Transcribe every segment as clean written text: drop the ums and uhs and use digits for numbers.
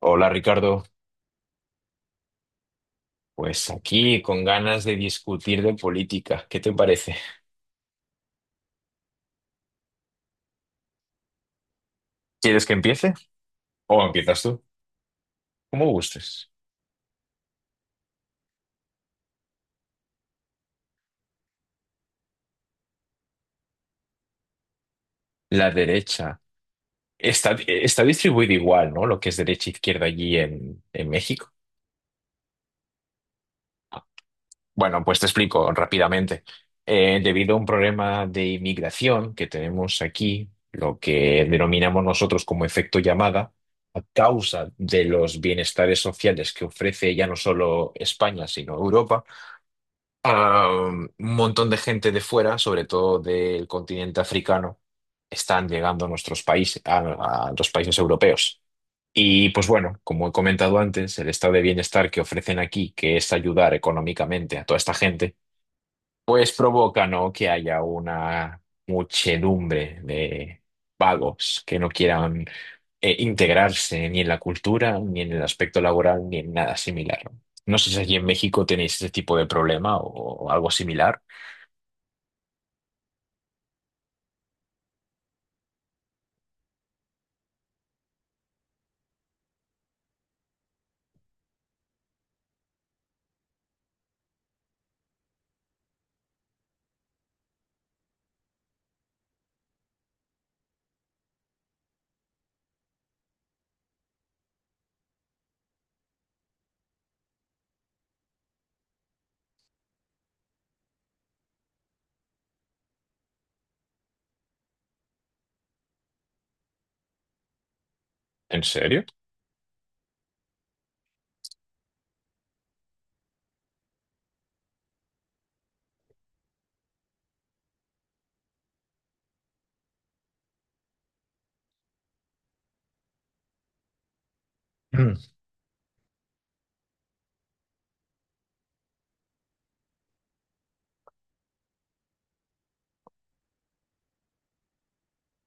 Hola Ricardo, pues aquí con ganas de discutir de política. ¿Qué te parece? ¿Quieres que empiece? ¿O empiezas tú? Como gustes. La derecha. Está distribuido igual, ¿no? Lo que es derecha e izquierda allí en México. Bueno, pues te explico rápidamente. Debido a un problema de inmigración que tenemos aquí, lo que denominamos nosotros como efecto llamada, a causa de los bienestares sociales que ofrece ya no solo España, sino Europa, un montón de gente de fuera, sobre todo del continente africano, están llegando a nuestros países, a los países europeos. Y pues bueno, como he comentado antes, el estado de bienestar que ofrecen aquí, que es ayudar económicamente a toda esta gente, pues provoca, ¿no? Que haya una muchedumbre de vagos que no quieran integrarse ni en la cultura, ni en el aspecto laboral, ni en nada similar. No No sé si allí en México tenéis ese tipo de problema o algo similar. ¿En serio? Mm,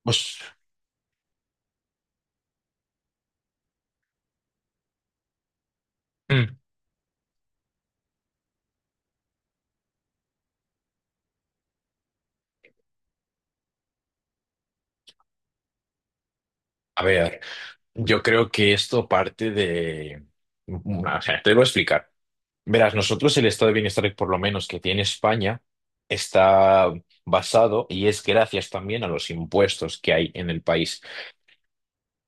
Pues, mm, a ver. Yo creo que esto parte de... O sea, te lo voy a explicar. Verás, nosotros el estado de bienestar, por lo menos que tiene España, está basado y es gracias también a los impuestos que hay en el país.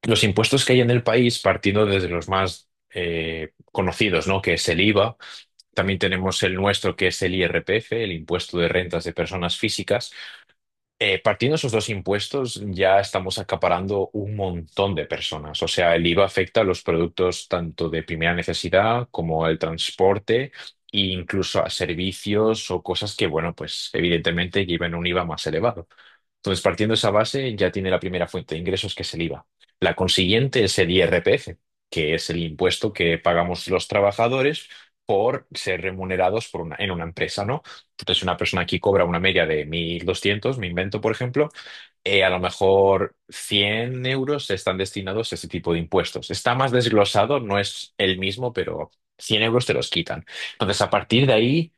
Los impuestos que hay en el país, partiendo desde los más conocidos, ¿no? Que es el IVA. También tenemos el nuestro, que es el IRPF, el impuesto de rentas de personas físicas. Partiendo esos dos impuestos, ya estamos acaparando un montón de personas. O sea, el IVA afecta a los productos tanto de primera necesidad como al transporte e incluso a servicios o cosas que, bueno, pues evidentemente llevan un IVA más elevado. Entonces, partiendo de esa base, ya tiene la primera fuente de ingresos, que es el IVA. La consiguiente es el IRPF, que es el impuesto que pagamos los trabajadores por ser remunerados por en una empresa, ¿no? Entonces, una persona aquí cobra una media de 1.200 me invento, por ejemplo, a lo mejor 100 euros están destinados a este tipo de impuestos. Está más desglosado, no es el mismo, pero 100 euros te los quitan. Entonces, a partir de ahí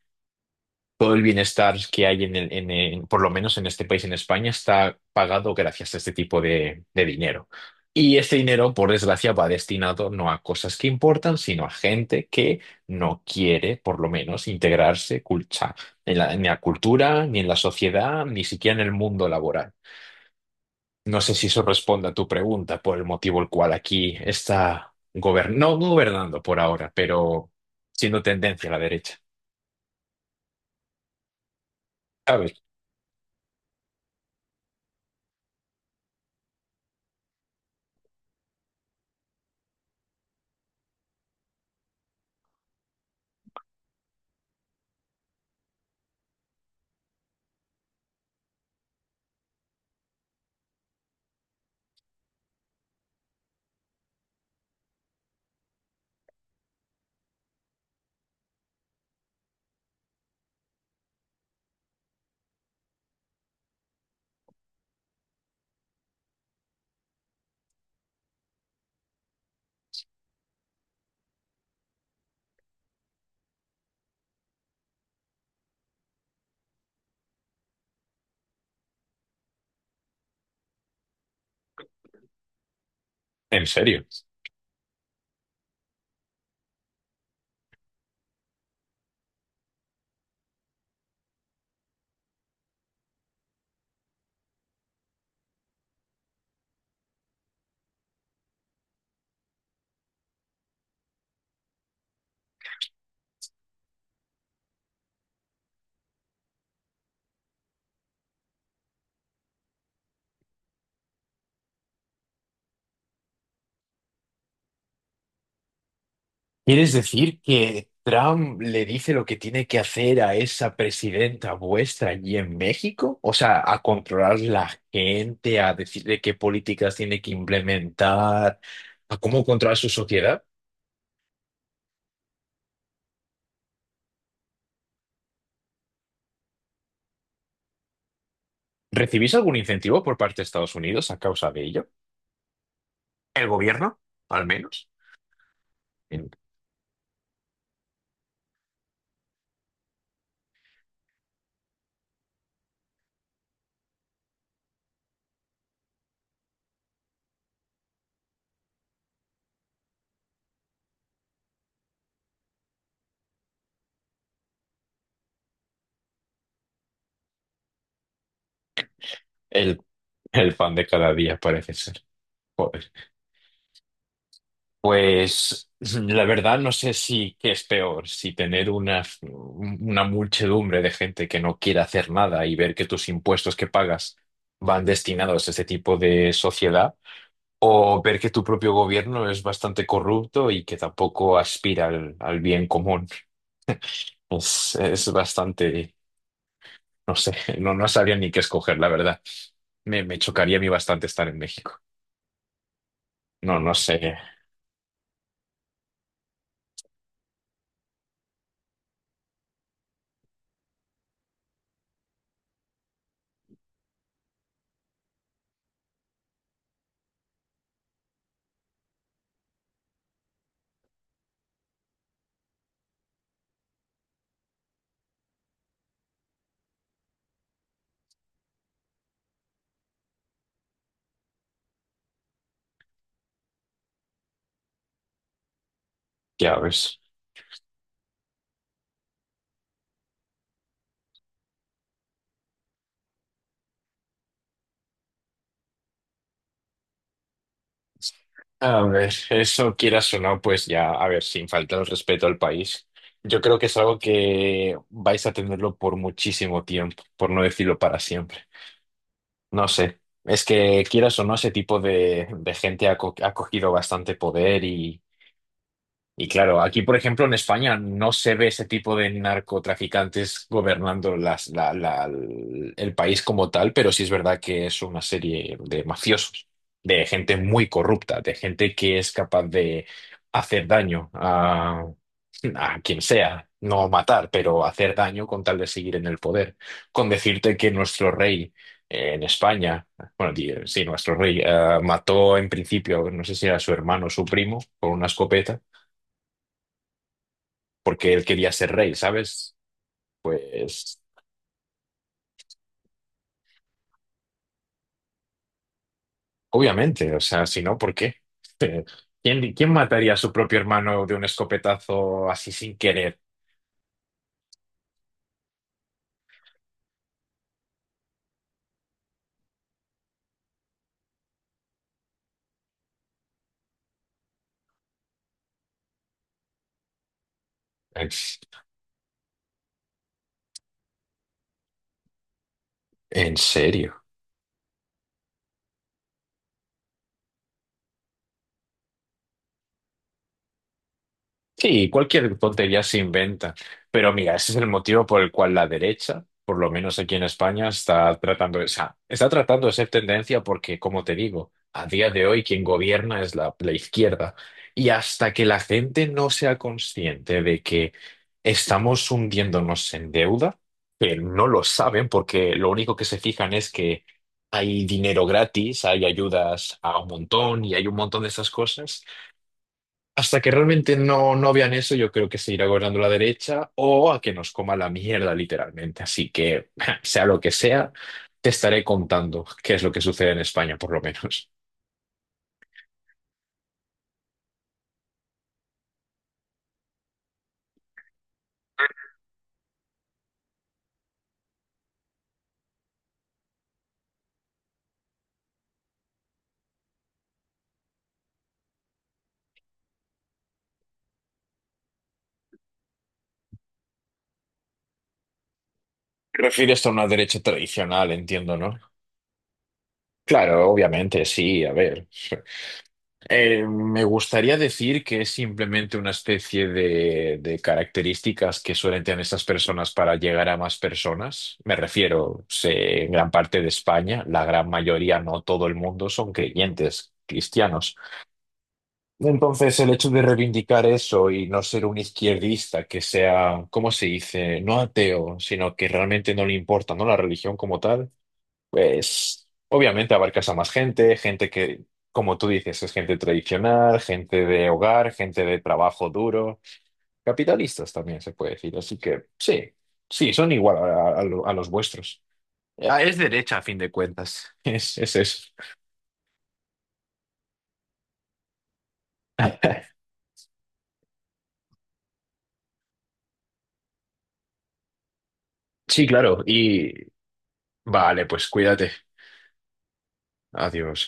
todo el bienestar que hay por lo menos en este país, en España, está pagado gracias a este tipo de dinero. Y este dinero, por desgracia, va destinado no a cosas que importan, sino a gente que no quiere, por lo menos, o sea, en en la cultura, ni en la sociedad, ni siquiera en el mundo laboral. No sé si eso responde a tu pregunta, por el motivo el cual aquí está gobernando, no gobernando por ahora, pero siendo tendencia a la derecha. A ver, en serio. ¿Quieres decir que Trump le dice lo que tiene que hacer a esa presidenta vuestra allí en México? O sea, a controlar la gente, a decirle qué políticas tiene que implementar, a cómo controlar su sociedad. ¿Recibís algún incentivo por parte de Estados Unidos a causa de ello? ¿El gobierno, al menos? El, el pan de cada día parece ser. Pues la verdad no sé si qué es peor, si tener una muchedumbre de gente que no quiere hacer nada y ver que tus impuestos que pagas van destinados a ese tipo de sociedad, o ver que tu propio gobierno es bastante corrupto y que tampoco aspira al, al bien común. Es bastante, no sé, no, no sabría ni qué escoger, la verdad. Me chocaría a mí bastante estar en México. No, no sé, ya ves. A ver, eso quieras o no, pues ya, a ver, sin faltar el respeto al país. Yo creo que es algo que vais a tenerlo por muchísimo tiempo, por no decirlo para siempre. No sé, es que quieras o no, ese tipo de gente ha cogido bastante poder y claro, aquí, por ejemplo, en España no se ve ese tipo de narcotraficantes gobernando el país como tal, pero sí es verdad que es una serie de mafiosos, de gente muy corrupta, de gente que es capaz de hacer daño a quien sea, no matar, pero hacer daño con tal de seguir en el poder. Con decirte que nuestro rey en España, bueno, sí, nuestro rey mató en principio, no sé si era su hermano o su primo, con una escopeta porque él quería ser rey, ¿sabes? Pues obviamente, o sea, si no, ¿por qué? ¿Quién, quién mataría a su propio hermano de un escopetazo así sin querer? ¿En serio? Sí, cualquier tontería se inventa. Pero mira, ese es el motivo por el cual la derecha, por lo menos aquí en España, está tratando de, o sea, está tratando de ser tendencia porque, como te digo, a día de hoy quien gobierna es la izquierda. Y hasta que la gente no sea consciente de que estamos hundiéndonos en deuda, que no lo saben porque lo único que se fijan es que hay dinero gratis, hay ayudas a un montón y hay un montón de esas cosas. Hasta que realmente no, no vean eso, yo creo que se irá gobernando la derecha o a que nos coma la mierda, literalmente. Así que, sea lo que sea, te estaré contando qué es lo que sucede en España, por lo menos. Te refieres a una derecha tradicional, entiendo, ¿no? Claro, obviamente, sí, a ver. Me gustaría decir que es simplemente una especie de características que suelen tener estas personas para llegar a más personas. Me refiero, sé, en gran parte de España, la gran mayoría, no todo el mundo, son creyentes cristianos. Entonces, el hecho de reivindicar eso y no ser un izquierdista que sea, ¿cómo se dice? No ateo, sino que realmente no le importa, ¿no? La religión como tal. Pues obviamente abarcas a más gente, gente que, como tú dices, es gente tradicional, gente de hogar, gente de trabajo duro, capitalistas también se puede decir. Así que sí, sí, son igual a, a los vuestros. Ah, es derecha a fin de cuentas, es eso. Sí, claro, y vale, pues cuídate. Adiós.